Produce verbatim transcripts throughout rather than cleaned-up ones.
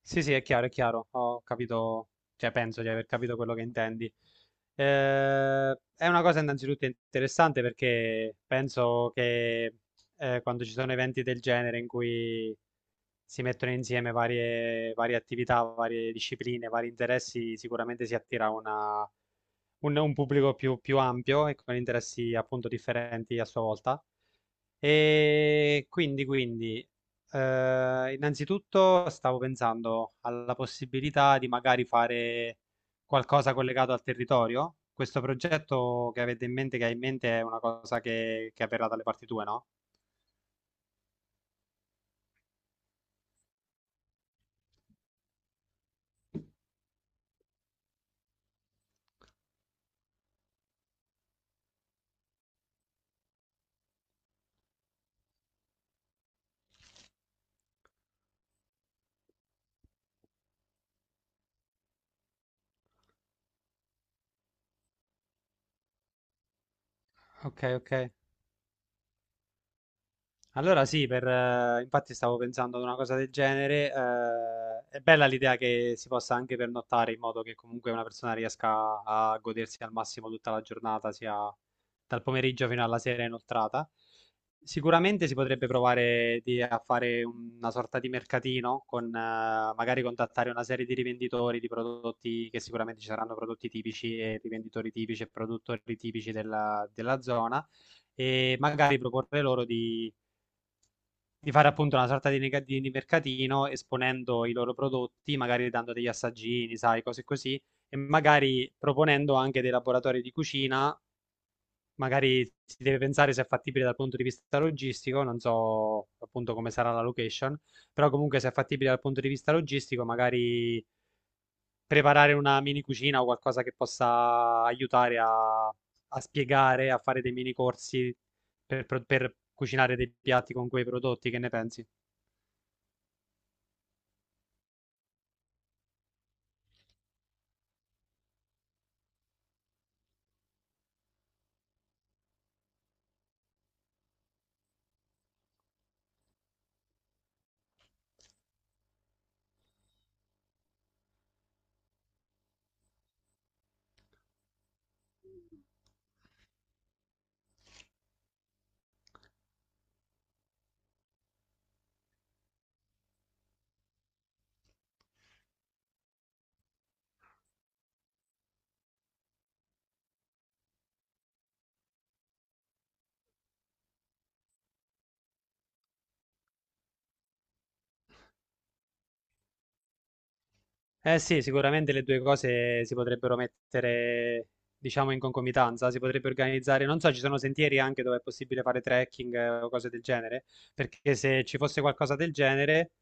Sì, sì, è chiaro, è chiaro. Ho capito, cioè penso di aver capito quello che intendi. Eh, è una cosa innanzitutto interessante perché penso che eh, quando ci sono eventi del genere in cui si mettono insieme varie, varie attività, varie discipline, vari interessi, sicuramente si attira una- un, un pubblico più, più ampio e con interessi appunto differenti a sua volta. E quindi, quindi, eh, innanzitutto stavo pensando alla possibilità di magari fare qualcosa collegato al territorio. Questo progetto che avete in mente, che hai in mente, è una cosa che, che avverrà dalle parti tue, no? Ok, ok. Allora sì, per, eh, infatti stavo pensando ad una cosa del genere. Eh, è bella l'idea che si possa anche pernottare in modo che comunque una persona riesca a godersi al massimo tutta la giornata, sia dal pomeriggio fino alla sera inoltrata. Sicuramente si potrebbe provare di- a fare una sorta di mercatino con eh, magari contattare una serie di rivenditori di prodotti che sicuramente ci saranno prodotti tipici e rivenditori tipici e produttori tipici della della zona e magari proporre loro di di fare appunto una sorta di, nega- di di mercatino esponendo i loro prodotti, magari dando degli assaggini, sai, cose così, e magari proponendo anche dei laboratori di cucina, magari si deve pensare se è fattibile dal punto di vista logistico, non so appunto come sarà la location, però comunque se è fattibile dal punto di vista logistico, magari preparare una mini cucina o qualcosa che possa aiutare a, a spiegare, a fare dei mini corsi per, pro- per cucinare dei piatti con quei prodotti, che ne pensi? Eh sì, sicuramente le due cose si potrebbero mettere, diciamo, in concomitanza, si potrebbe organizzare, non so, ci sono sentieri anche dove è possibile fare trekking eh, o cose del genere, perché se ci fosse qualcosa del genere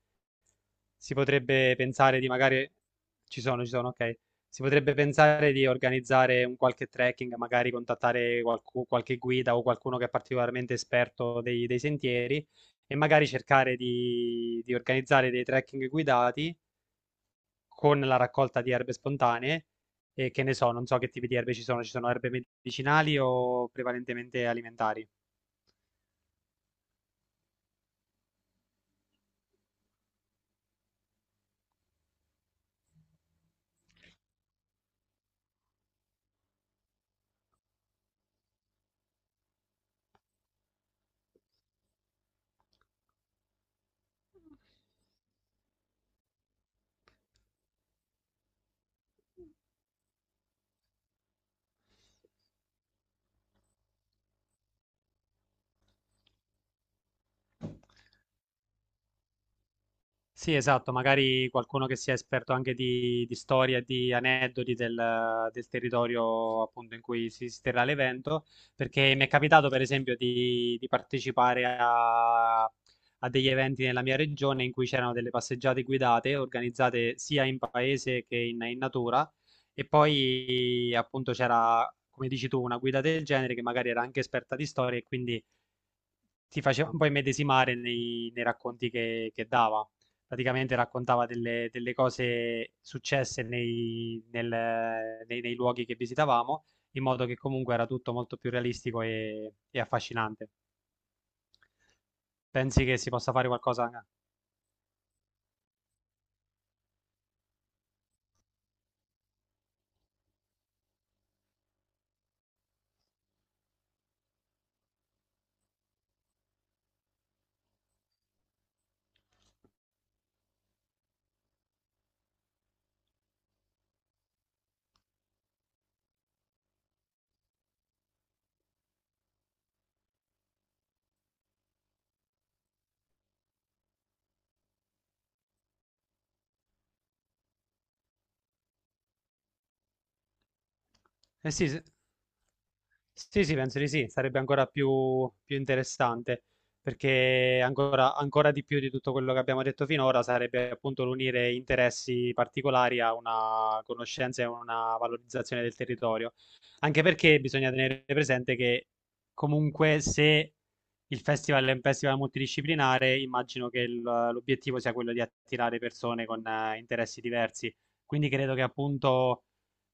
si potrebbe pensare di magari, ci sono, ci sono, ok, si potrebbe pensare di organizzare un qualche trekking, magari contattare qualcu- qualche guida o qualcuno che è particolarmente esperto dei, dei sentieri e magari cercare di di organizzare dei trekking guidati con la raccolta di erbe spontanee e che ne so, non so che tipi di erbe ci sono, ci sono erbe medicinali o prevalentemente alimentari? Sì, esatto, magari qualcuno che sia esperto anche di, di storia e di aneddoti del, del territorio appunto in cui si, si terrà l'evento, perché mi è capitato per esempio di, di partecipare a, a degli eventi nella mia regione in cui c'erano delle passeggiate guidate organizzate sia in paese che in, in natura e poi appunto c'era, come dici tu, una guida del genere che magari era anche esperta di storia e quindi ti faceva un po' immedesimare nei, nei racconti che, che dava. Praticamente raccontava delle, delle cose successe nei, nel- nei- nei luoghi che visitavamo, in modo che comunque era tutto molto più realistico e, e affascinante. Pensi che si possa fare qualcosa? Eh sì, se- Sì, sì, penso di sì, sarebbe ancora più, più interessante, perché ancora, ancora di più di tutto quello che abbiamo detto finora sarebbe appunto l'unire interessi particolari a una conoscenza e una valorizzazione del territorio, anche perché bisogna tenere presente che comunque se il festival è un festival multidisciplinare, immagino che il- l'obiettivo sia quello di attirare persone con eh, interessi diversi, quindi credo che appunto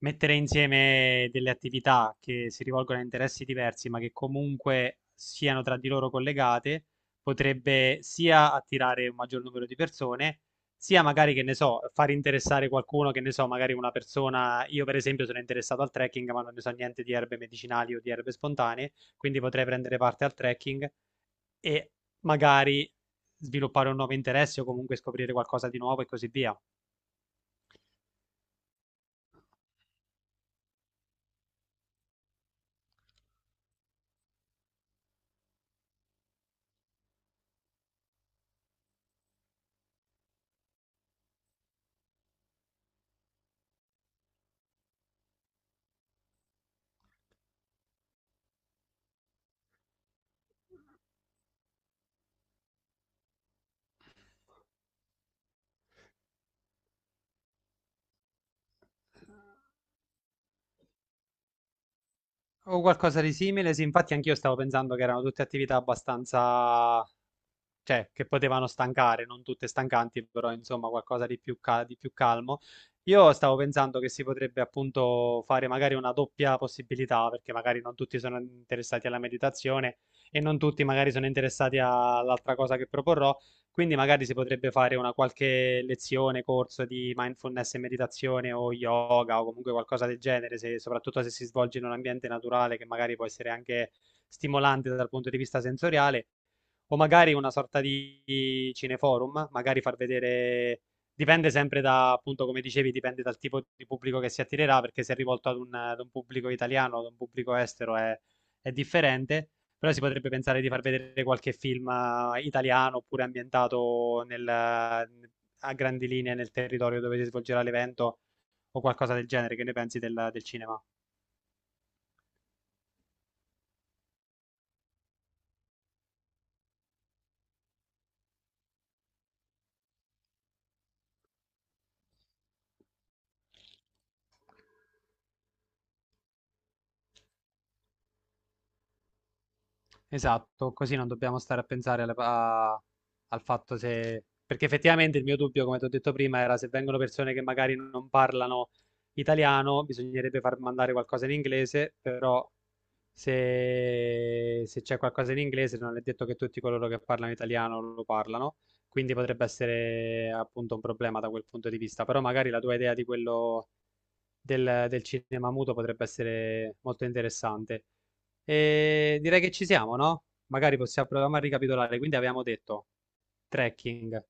mettere insieme delle attività che si rivolgono a interessi diversi, ma che comunque siano tra di loro collegate, potrebbe sia attirare un maggior numero di persone, sia magari, che ne so, far interessare qualcuno, che ne so, magari una persona, io per esempio sono interessato al trekking, ma non ne so niente di erbe medicinali o di erbe spontanee, quindi potrei prendere parte al trekking e magari sviluppare un nuovo interesse o comunque scoprire qualcosa di nuovo e così via. O qualcosa di simile, sì, infatti anch'io stavo pensando che erano tutte attività abbastanza cioè che potevano stancare, non tutte stancanti, però insomma qualcosa di più, ca- di più calmo. Io stavo pensando che si potrebbe appunto fare magari una doppia possibilità, perché magari non tutti sono interessati alla meditazione e non tutti magari sono interessati a- all'altra cosa che proporrò, quindi magari si potrebbe fare una qualche lezione, corso di mindfulness e meditazione o yoga o comunque qualcosa del genere, se- soprattutto se si svolge in un ambiente naturale che magari può essere anche stimolante dal punto di vista sensoriale o magari una sorta di cineforum, magari far vedere, dipende sempre da, appunto, come dicevi, dipende dal tipo di pubblico che si attirerà, perché se è rivolto ad un, ad un pubblico italiano, ad un pubblico estero è, è differente, però si potrebbe pensare di far vedere qualche film eh, italiano oppure ambientato nel, a grandi linee nel territorio dove si svolgerà l'evento o qualcosa del genere, che ne pensi del, del cinema? Esatto, così non dobbiamo stare a pensare alle- a- al fatto se... Perché effettivamente il mio dubbio, come ti ho detto prima, era se vengono persone che magari non parlano italiano, bisognerebbe far mandare qualcosa in inglese, però se, se c'è qualcosa in inglese non è detto che tutti coloro che parlano italiano lo parlano, quindi potrebbe essere appunto un problema da quel punto di vista, però magari la tua idea di quello del del cinema muto potrebbe essere molto interessante. E direi che ci siamo, no? Magari possiamo provare a ricapitolare. Quindi avevamo detto trekking,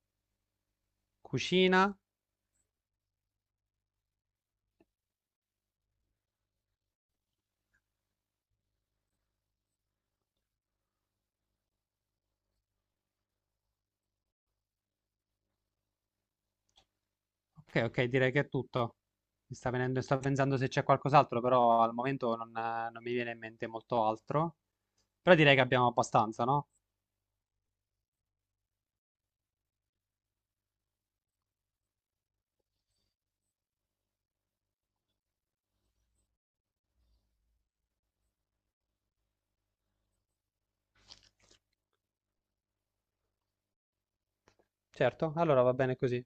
cucina. Ok, ok, direi che è tutto. Mi sta venendo, sto pensando se c'è qualcos'altro, però al momento non, eh, non mi viene in mente molto altro. Però direi che abbiamo abbastanza, no? Certo, allora va bene così.